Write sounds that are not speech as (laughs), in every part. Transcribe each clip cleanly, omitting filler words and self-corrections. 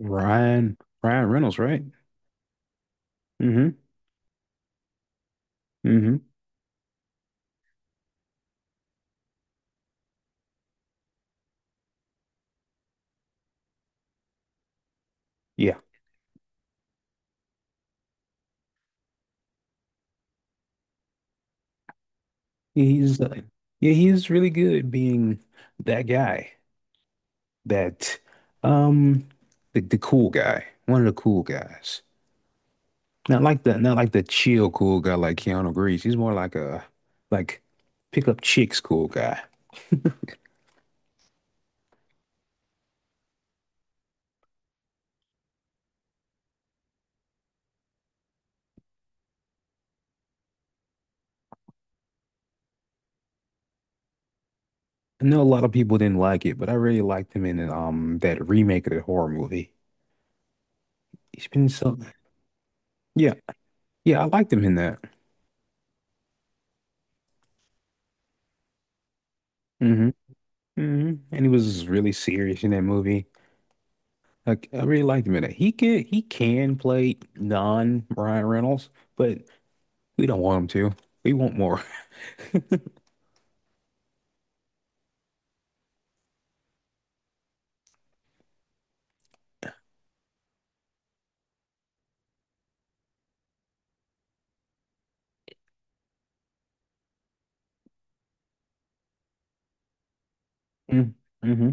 Ryan Ryan Reynolds, right? Mm-hmm. Mm-hmm. Yeah. Yeah, He's uh, yeah, he's really good being that guy. That um the cool guy. One of the cool guys. Not like the not like the chill cool guy like Keanu Reeves. He's more like a like pick up chicks cool guy. I know a lot of people didn't like it, but I really liked him in that remake of the horror movie. He's been so yeah. Yeah, I liked him in that. Hmm. Mm-hmm. And he was really serious in that movie. Like, I really liked him in it. He can play non Ryan Reynolds, but we don't want him to. We want more. (laughs) Mm-hmm.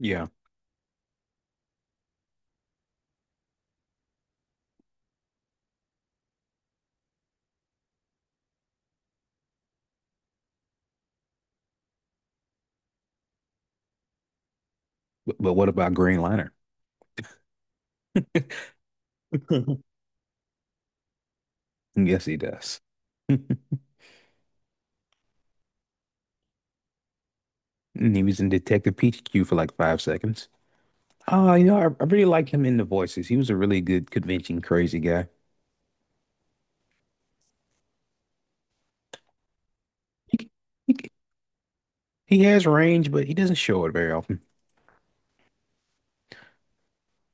Yeah. But what about Green Lantern? (laughs) Yes, he does. (laughs) And he was in Detective Pikachu for like 5 seconds. Oh, you know, I really like him in the voices. He was a really good convention crazy guy. He, he, he has range, but he doesn't show it very often.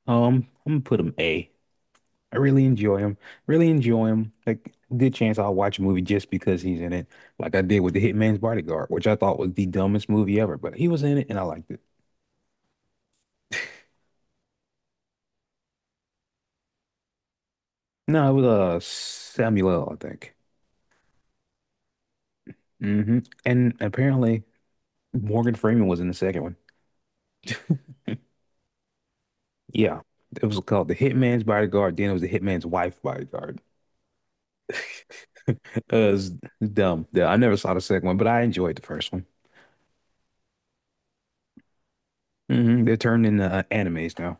I'm gonna put him A. I really enjoy him. Really enjoy him. Like, good chance I'll watch a movie just because he's in it, like I did with The Hitman's Bodyguard, which I thought was the dumbest movie ever, but he was in it and I liked it. No, it was Samuel, L., I think. Hmm. And apparently Morgan Freeman was in the second one. Yeah. It was called The Hitman's Bodyguard. Then it was The Hitman's Wife Bodyguard. (laughs) It's dumb. Yeah, I never saw the second one, but I enjoyed the first one. Hmm. They're turned into animes now.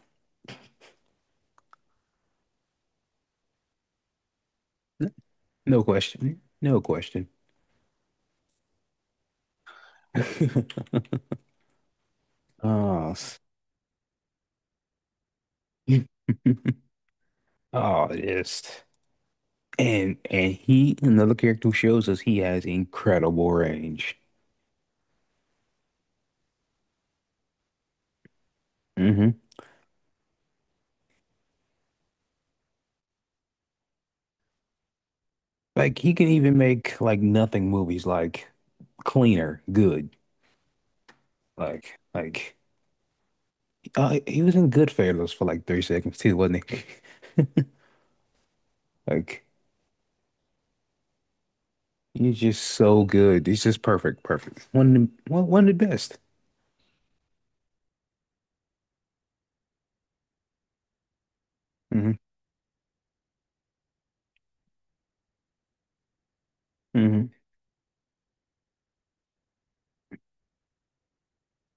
N- No question. No question. (laughs) Oh, s- (laughs) oh, yes. And he another character who shows us he has incredible range. Hmm. Like he can even make like nothing movies like cleaner, good. Like like he was in Goodfellas for like 3 seconds too, wasn't he? (laughs) Like he's just so good. He's just perfect, perfect. One of the best. Hmm. Hmm.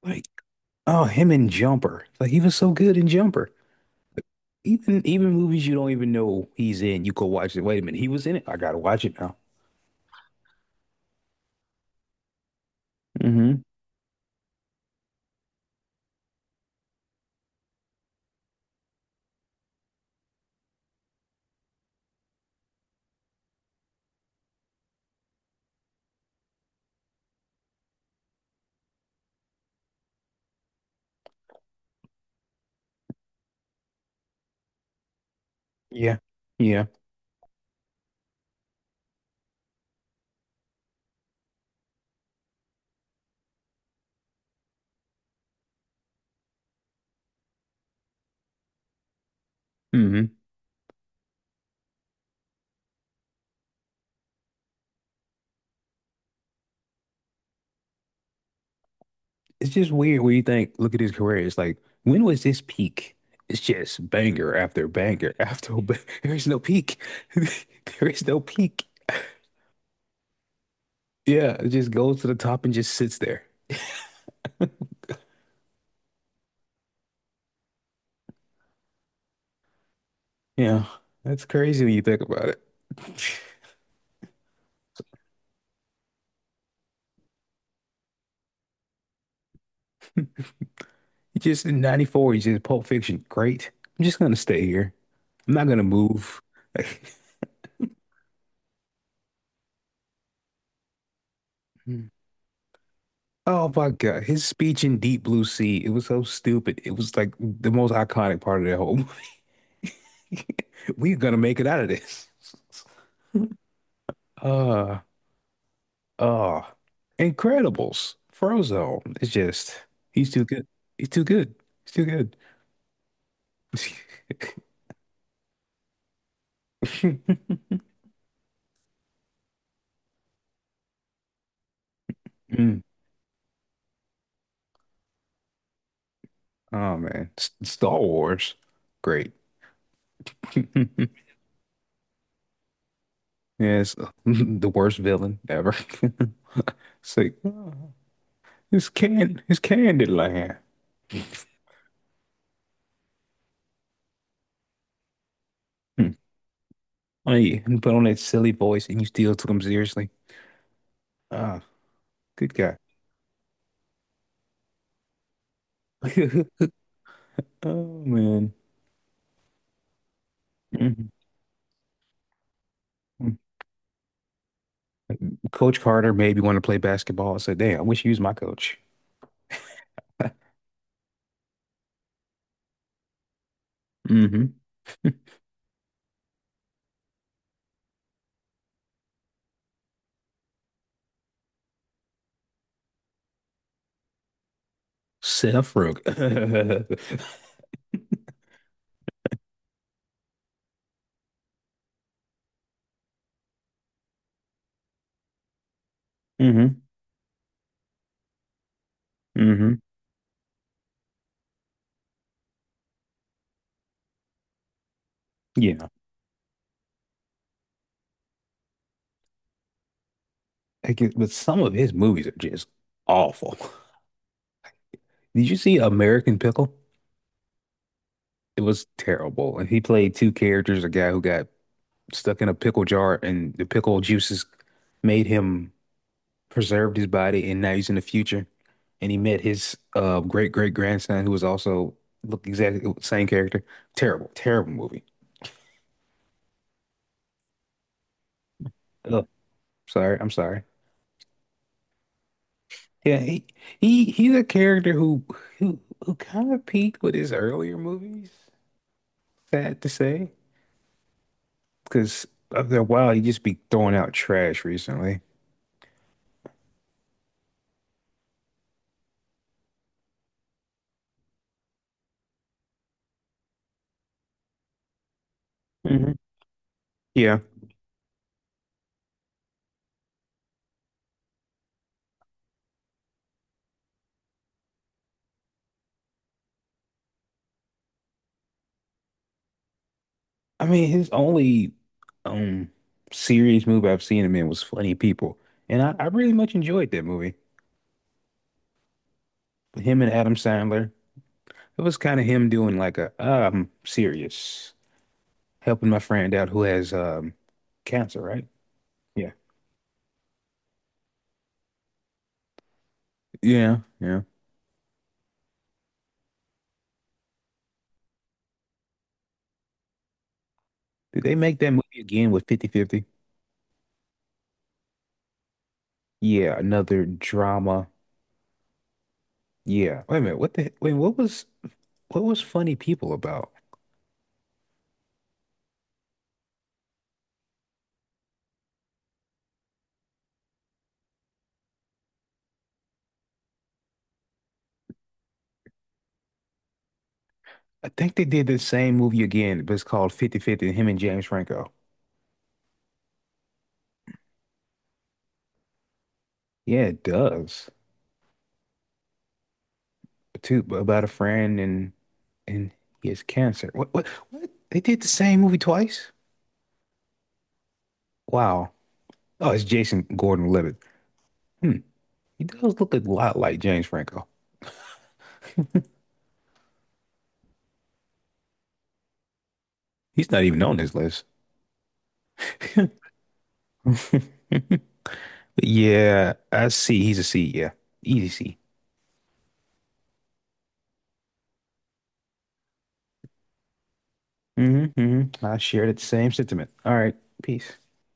Like oh, him in Jumper. Like he was so good in Jumper. Even movies you don't even know he's in, you go watch it. Wait a minute, he was in it. I gotta watch it now. Hmm. Yeah. Yeah. Hmm. It's just weird when you think, look at his career. It's like, when was this peak? It's just (laughs) There is no peak. (laughs) There is no peak. Yeah, it just goes to the top and just sits there. Yeah. That's crazy when you think about it. (laughs) He just in 94, he's just Pulp Fiction. Great. I'm just gonna stay here. I'm not gonna move. (laughs) Oh my God. His speech in Deep Blue Sea, it was so stupid. It was like the most iconic part of that whole movie. (laughs) We're gonna make it out of this. (laughs) Uh, uh, Incredibles, Frozone. It's just he's too good. He's too good. He's too good. (laughs) Mm. Oh man, S Star Wars, great. (laughs) Yes, (laughs) the worst villain ever. (laughs) It's like, oh, it's Candyland. Hmm. Oh, yeah, and put on that silly voice and you still took him seriously. Ah, good guy. (laughs) Oh man. Mhm. Coach Carter made me want to play basketball. I said, damn, I wish he was my coach. Mm-hmm. Seth Rogen. (laughs) Hmm. Hmm. Yeah. But some of his movies are just awful. (laughs) Did you see American Pickle? It was terrible. And he played two characters, a guy who got stuck in a pickle jar and the pickle juices made him preserved his body, and now he's in the future. And he met his great great grandson, who was also look exactly the same character. Terrible, terrible movie. Ugh. Sorry, I'm sorry. Yeah, he's a character who kind of peaked with his earlier movies. Sad to say, because after a while, he just be throwing out trash recently. Hmm. Yeah, I mean, his only um serious movie I've seen him in was Funny People, and I really much enjoyed that movie. Him and Adam Sandler. It was kind of him doing like a I'm serious, helping my friend out who has cancer, right? Yeah. Yeah, yeah. Did they make that movie again with 50/50? Yeah, another drama. Yeah. Wait a minute, what the wait, what was Funny People about? I think they did the same movie again, but it's called 50/50. Him and James Franco. Yeah, it does. Too about a friend and he has cancer. What? They did the same movie twice? Wow. Oh, it's Jason Gordon-Levitt. Hmm. He does look a lot like James Franco. He's not even on this list. (laughs) But yeah, I see. He's a C. Yeah. Easy C. Hmm. Hmm. I share the same sentiment. All right. Peace.